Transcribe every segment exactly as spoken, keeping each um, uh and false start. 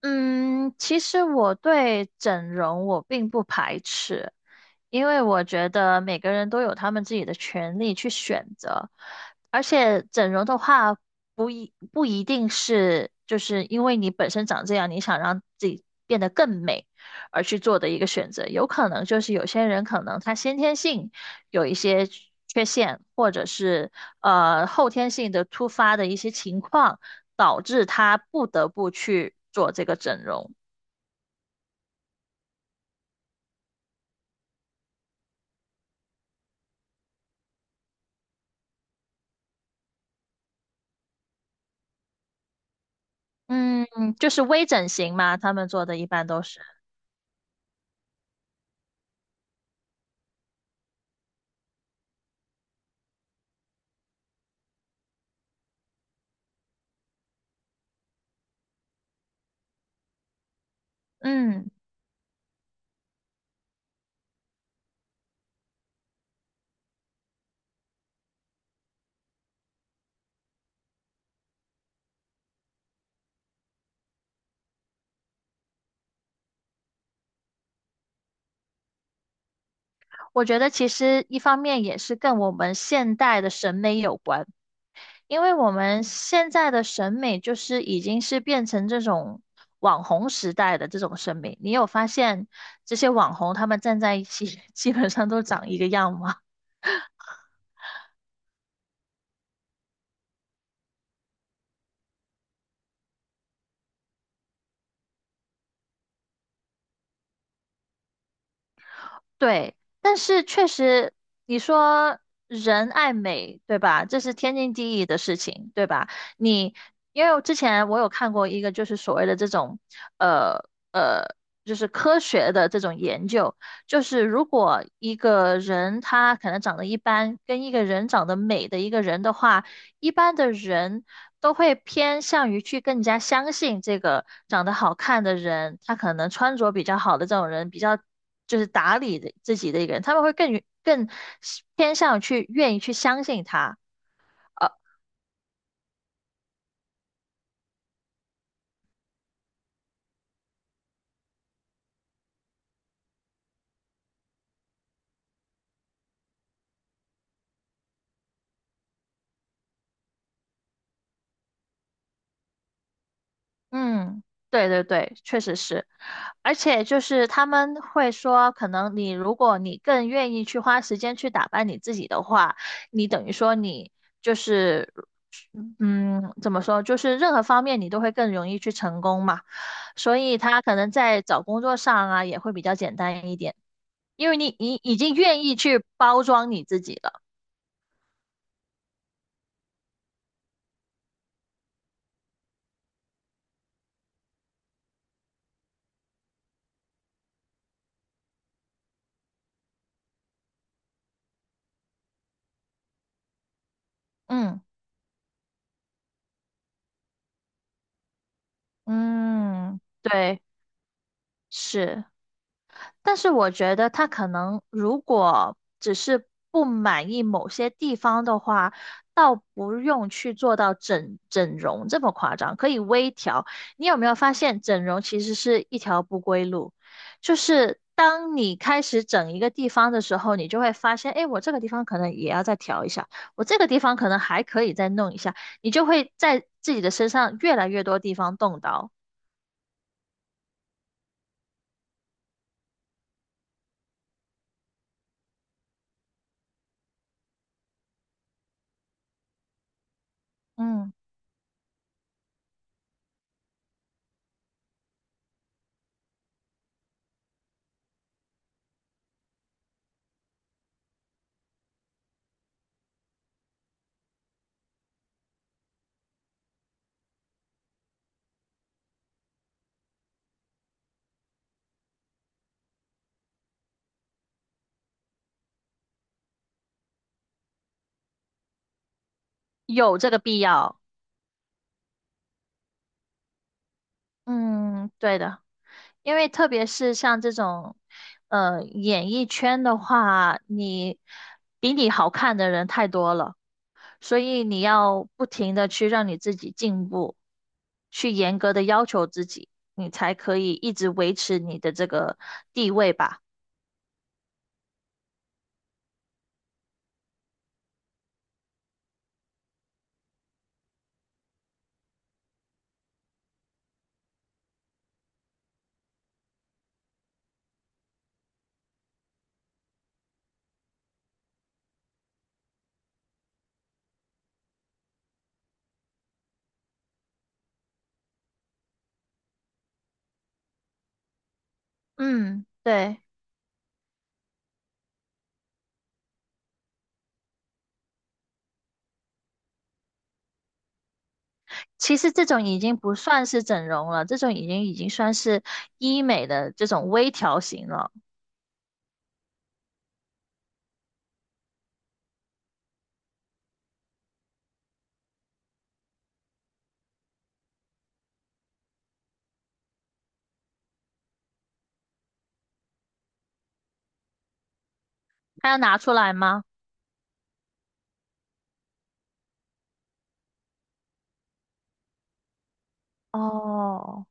嗯，其实我对整容我并不排斥，因为我觉得每个人都有他们自己的权利去选择，而且整容的话不一不一定是就是因为你本身长这样，你想让自己变得更美而去做的一个选择，有可能就是有些人可能他先天性有一些缺陷，或者是呃后天性的突发的一些情况。导致他不得不去做这个整容。嗯，就是微整形嘛，他们做的一般都是。嗯，我觉得其实一方面也是跟我们现代的审美有关，因为我们现在的审美就是已经是变成这种网红时代的这种审美。你有发现这些网红他们站在一起，基本上都长一个样吗？对，但是确实，你说人爱美，对吧？这是天经地义的事情，对吧？你因为我之前我有看过一个，就是所谓的这种，呃呃，就是科学的这种研究，就是如果一个人他可能长得一般，跟一个人长得美的一个人的话，一般的人都会偏向于去更加相信这个长得好看的人，他可能穿着比较好的这种人，比较就是打理的自己的一个人，他们会更更偏向去愿意去相信他。呃，嗯，对对对，确实是，而且就是他们会说，可能你如果你更愿意去花时间去打扮你自己的话，你等于说你就是嗯，怎么说，就是任何方面你都会更容易去成功嘛。所以他可能在找工作上啊也会比较简单一点，因为你你已经愿意去包装你自己了。嗯嗯，对，是。但是我觉得他可能如果只是不满意某些地方的话，倒不用去做到整整容这么夸张，可以微调。你有没有发现整容其实是一条不归路？就是当你开始整一个地方的时候，你就会发现，哎，我这个地方可能也要再调一下，我这个地方可能还可以再弄一下，你就会在自己的身上越来越多地方动刀。嗯，有这个必要。嗯，对的。因为特别是像这种，呃，演艺圈的话，你比你好看的人太多了，所以你要不停的去让你自己进步，去严格的要求自己，你才可以一直维持你的这个地位吧。嗯，对。其实这种已经不算是整容了，这种已经已经算是医美的这种微调型了。还要拿出来吗？哦，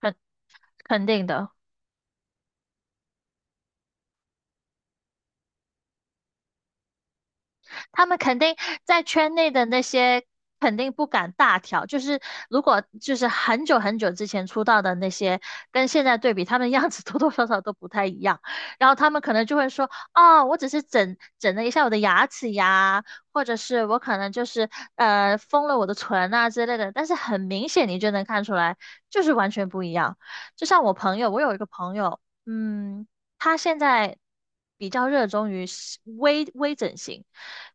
肯肯定的。他们肯定在圈内的那些肯定不敢大调，就是如果就是很久很久之前出道的那些，跟现在对比，他们样子 多多少少都不太一样。然后他们可能就会说，哦，我只是整整了一下我的牙齿呀，或者是我可能就是呃封了我的唇啊之类的。但是很明显你就能看出来，就是完全不一样。就像我朋友，我有一个朋友，嗯，他现在比较热衷于是微微整形，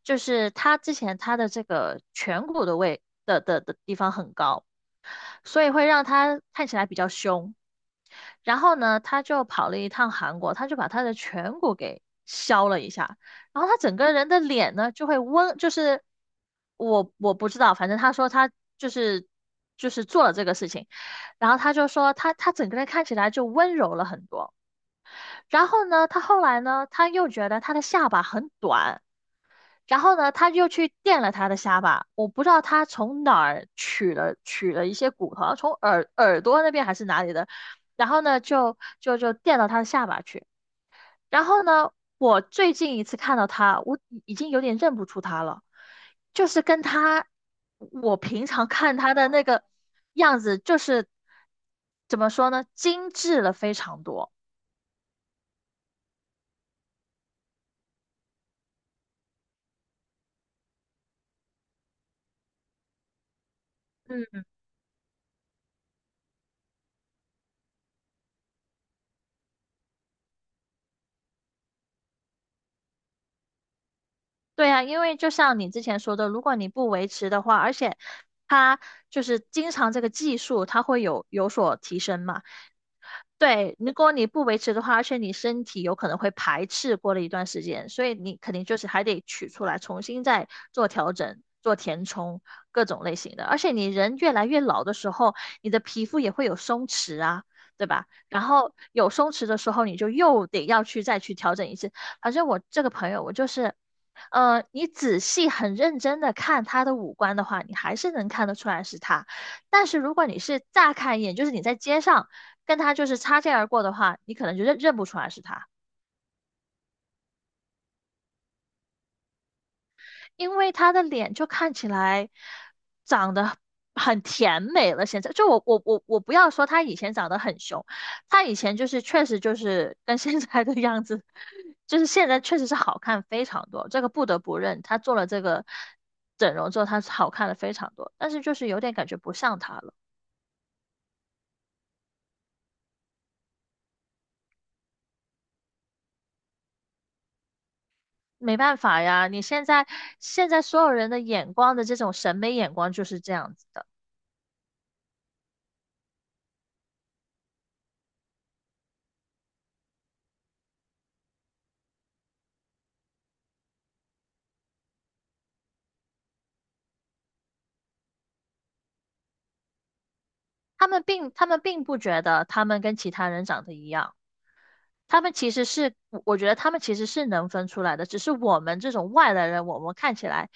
就是他之前他的这个颧骨的位的的的地方很高，所以会让他看起来比较凶。然后呢，他就跑了一趟韩国，他就把他的颧骨给削了一下，然后他整个人的脸呢就会温，就是我我不知道，反正他说他就是就是做了这个事情，然后他就说他他整个人看起来就温柔了很多。然后呢，他后来呢，他又觉得他的下巴很短。然后呢，他就去垫了他的下巴。我不知道他从哪儿取了取了一些骨头，好像从耳耳朵那边还是哪里的。然后呢，就就就垫到他的下巴去。然后呢，我最近一次看到他，我已已经有点认不出他了，就是跟他我平常看他的那个样子，就是怎么说呢，精致了非常多。嗯。对呀，因为就像你之前说的，如果你不维持的话，而且它就是经常这个技术，它会有有所提升嘛。对，如果你不维持的话，而且你身体有可能会排斥过了一段时间，所以你肯定就是还得取出来，重新再做调整、做填充，各种类型的。而且你人越来越老的时候，你的皮肤也会有松弛啊，对吧？然后有松弛的时候，你就又得要去再去调整一次。反正我这个朋友，我就是，呃，你仔细很认真的看他的五官的话，你还是能看得出来是他。但是如果你是乍看一眼，就是你在街上。跟他就是擦肩而过的话，你可能就认认不出来是他，因为他的脸就看起来长得很甜美了。现在就我我我我不要说他以前长得很凶，他以前就是确实就是跟现在的样子，就是现在确实是好看非常多，这个不得不认，他做了这个整容之后，他好看了非常多，但是就是有点感觉不像他了。没办法呀，你现在现在所有人的眼光的这种审美眼光就是这样子的。他们并他们并不觉得他们跟其他人长得一样，他们其实是，我觉得他们其实是能分出来的，只是我们这种外来人，我们看起来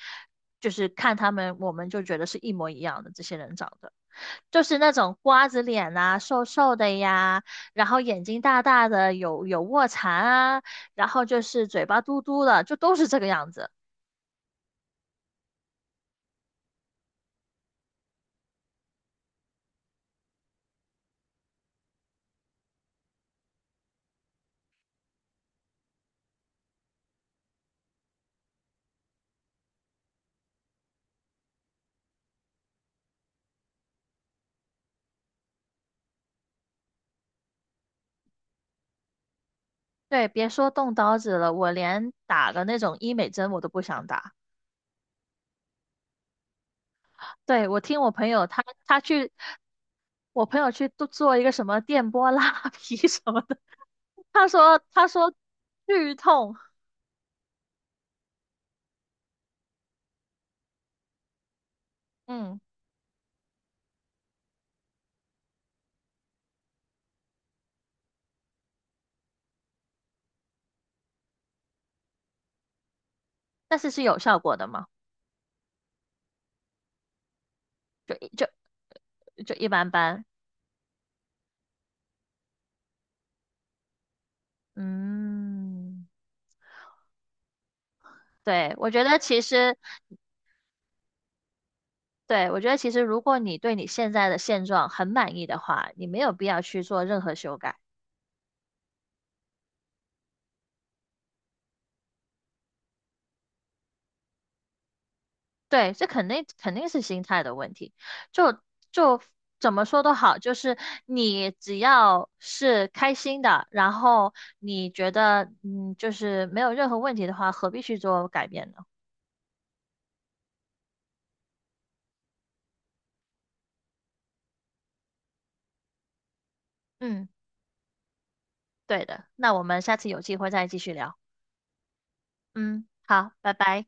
就是看他们，我们就觉得是一模一样的，这些人长得就是那种瓜子脸呐，瘦瘦的呀，然后眼睛大大的，有有卧蚕啊，然后就是嘴巴嘟嘟的，就都是这个样子。对，别说动刀子了，我连打个那种医美针我都不想打。对，我听我朋友他他去我朋友去做做一个什么电波拉皮 什么的，他说他说剧痛，嗯，但是是有效果的嘛，就就就一般般，嗯，对，我觉得其实，对，我觉得其实如果你对你现在的现状很满意的话，你没有必要去做任何修改。对，这肯定肯定是心态的问题。就就怎么说都好，就是你只要是开心的，然后你觉得嗯，就是没有任何问题的话，何必去做改变呢？嗯，对的。那我们下次有机会再继续聊。嗯，好，拜拜。